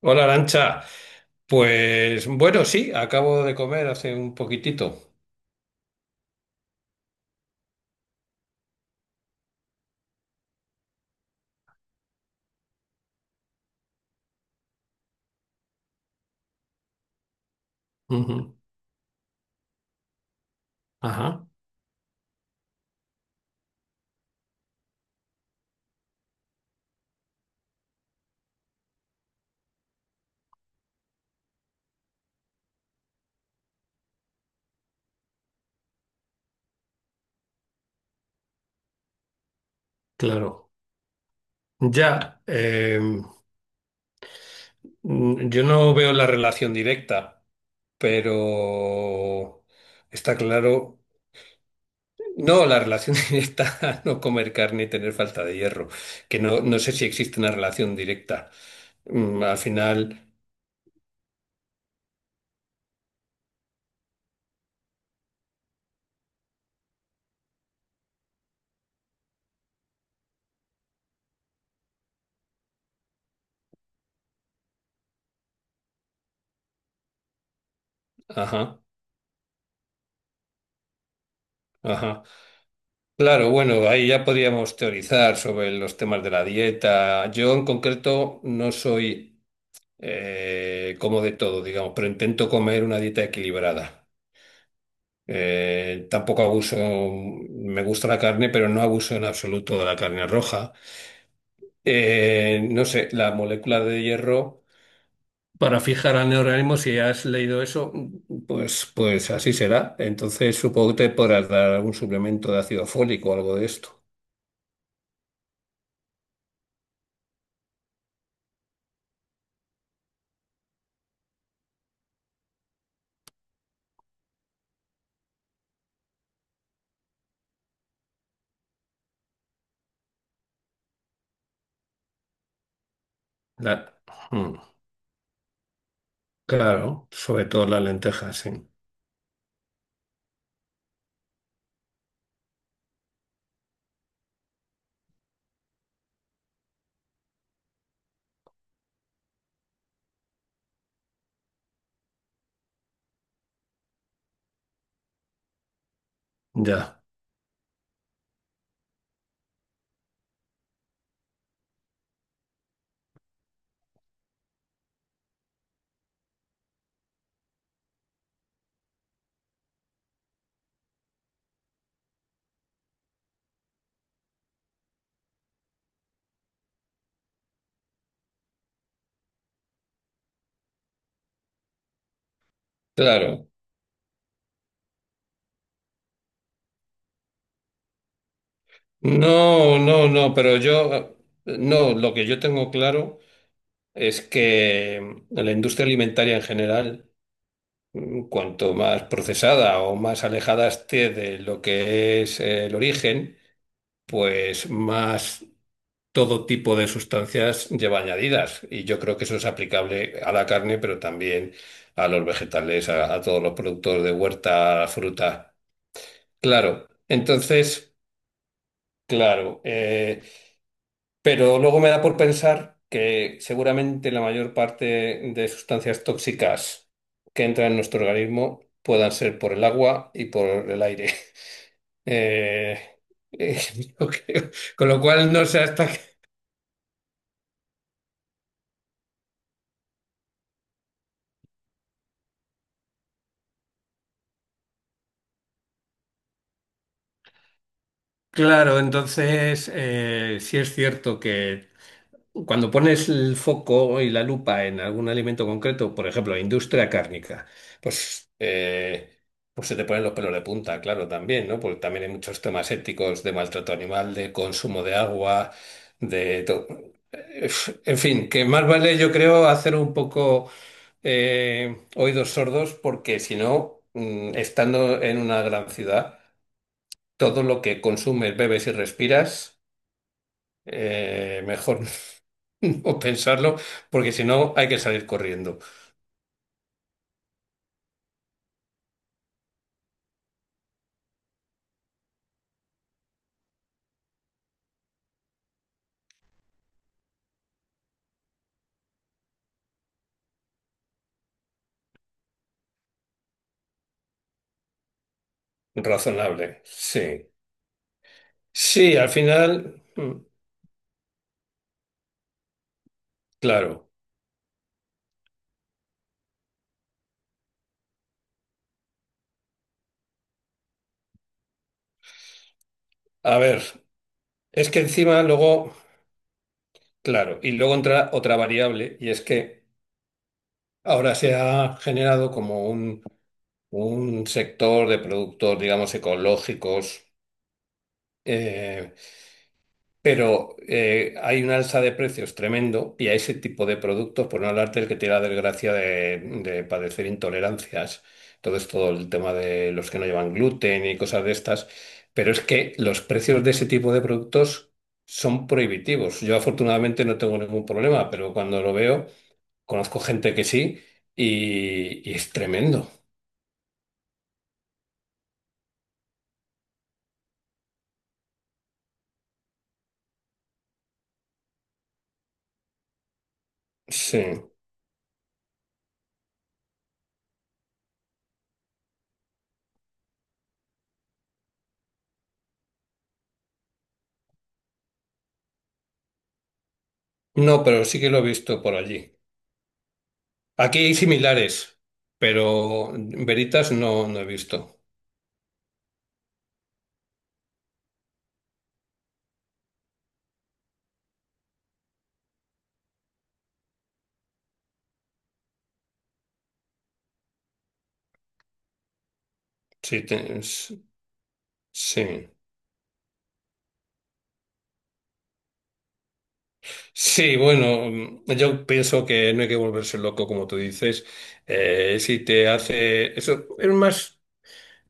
Hola, Arancha. Pues bueno, sí, acabo de comer hace un poquitito. Ujú. Ajá. Claro. Ya, yo no veo la relación directa, pero está claro. No, la relación directa, no comer carne y tener falta de hierro, que no sé si existe una relación directa. Al final, ajá, ajá. Claro, bueno, ahí ya podríamos teorizar sobre los temas de la dieta. Yo en concreto no soy como de todo, digamos, pero intento comer una dieta equilibrada. Tampoco abuso, me gusta la carne, pero no abuso en absoluto de la carne roja. No sé, la molécula de hierro para fijar al neorganismo, si has leído eso, pues así será. Entonces supongo que te podrás dar algún suplemento de ácido fólico o algo de esto. La- hmm. Claro, sobre todo las lentejas, sí. Ya. Claro. No, no, no, pero yo, no, lo que yo tengo claro es que la industria alimentaria en general, cuanto más procesada o más alejada esté de lo que es el origen, pues más todo tipo de sustancias lleva añadidas. Y yo creo que eso es aplicable a la carne, pero también a los vegetales, a todos los productos de huerta, fruta. Claro, entonces, claro, pero luego me da por pensar que seguramente la mayor parte de sustancias tóxicas que entran en nuestro organismo puedan ser por el agua y por el aire. Eh, eh, con lo cual no sé hasta qué. Claro, entonces, sí es cierto. Cuando pones el foco y la lupa en algún alimento concreto, por ejemplo, industria cárnica, pues, eh, pues se te ponen los pelos de punta, claro, también, ¿no? Porque también hay muchos temas éticos de maltrato animal, de consumo de agua, de to- eh, en fin, que más vale, yo creo, hacer un poco oídos sordos, porque si no, estando en una gran ciudad, todo lo que consumes, bebes y respiras, mejor o pensarlo, porque si no hay que salir corriendo. Razonable, sí. Sí, al final, claro. A ver, es que encima luego, claro, y luego entra otra variable, y es que ahora se ha generado como un sector de productos, digamos, ecológicos. eh, Pero hay un alza de precios tremendo y a ese tipo de productos, por no hablar del que tiene la desgracia de padecer intolerancias, entonces todo el tema de los que no llevan gluten y cosas de estas, pero es que los precios de ese tipo de productos son prohibitivos. Yo afortunadamente no tengo ningún problema, pero cuando lo veo, conozco gente que sí y es tremendo. Sí. No, pero sí que lo he visto por allí. Aquí hay similares, pero veritas no he visto. Sí, sí. Sí, bueno, yo pienso que no hay que volverse loco, como tú dices. Si te hace. Eso es más.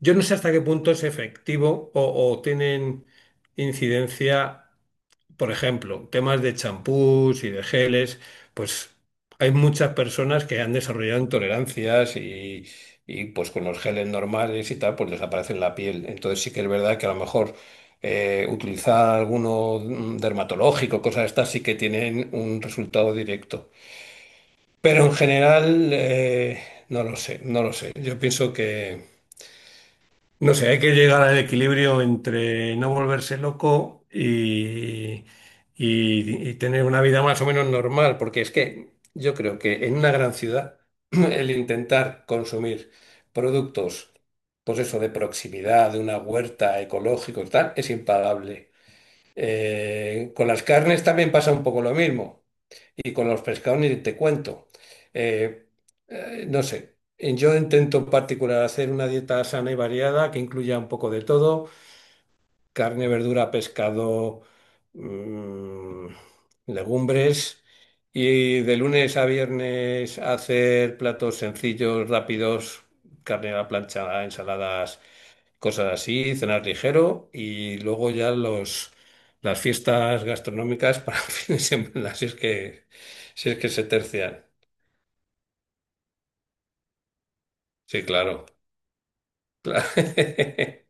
Yo no sé hasta qué punto es efectivo o tienen incidencia. Por ejemplo, temas de champús y de geles, pues hay muchas personas que han desarrollado intolerancias y, pues con los geles normales y tal, pues desaparecen la piel. Entonces sí que es verdad que a lo mejor utilizar alguno dermatológico, cosas estas, sí que tienen un resultado directo. Pero en general, no lo sé, no lo sé. Yo pienso que... No sé, hay que llegar al equilibrio entre no volverse loco y tener una vida más o menos normal, porque es que yo creo que en una gran ciudad el intentar consumir productos, pues eso, de proximidad, de una huerta ecológico y tal, es impagable. Con las carnes también pasa un poco lo mismo. Y con los pescados ni te cuento. Eh, no sé, yo intento en particular hacer una dieta sana y variada que incluya un poco de todo carne, verdura, pescado, mm, legumbres. Y de lunes a viernes hacer platos sencillos, rápidos, carne a la plancha, ensaladas, cosas así, cenar ligero. Y luego ya las fiestas gastronómicas para el fin de semana, si es que se tercian. Sí, claro. Claro.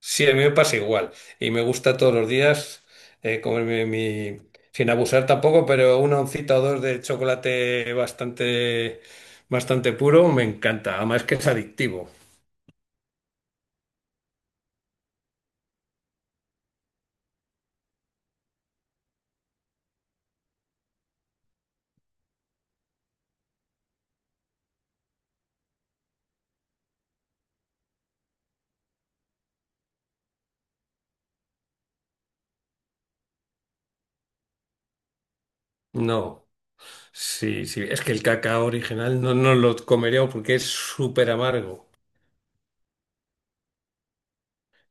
Sí, a mí me pasa igual. Y me gusta todos los días comerme mi, sin abusar tampoco, pero una oncita o dos de chocolate bastante, bastante puro me encanta. Además que es adictivo. No, sí, sí. Es que el cacao original no lo comeríamos porque es súper amargo.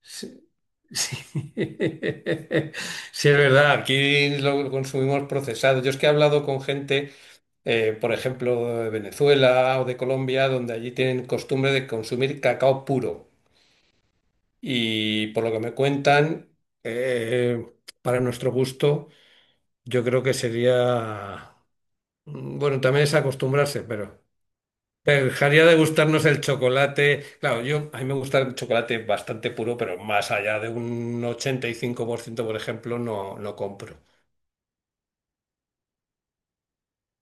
Sí, sí. Sí, es verdad. Aquí lo consumimos procesado. Yo es que he hablado con gente por ejemplo, de Venezuela o de Colombia, donde allí tienen costumbre de consumir cacao puro. Y por lo que me cuentan, eh, para nuestro gusto, yo creo que sería, bueno, también es acostumbrarse, pero dejaría de gustarnos el chocolate. Claro, yo a mí me gusta el chocolate bastante puro, pero más allá de un 85%, por ejemplo, no compro.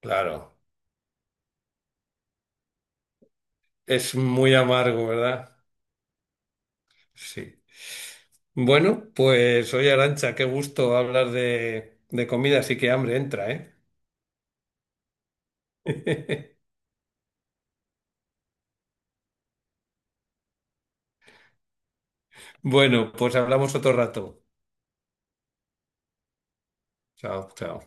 Claro, es muy amargo, ¿verdad? Sí. Bueno, pues oye Arancha, qué gusto hablar de comida, así que hambre entra, ¿eh? Bueno, pues hablamos otro rato. Chao, chao.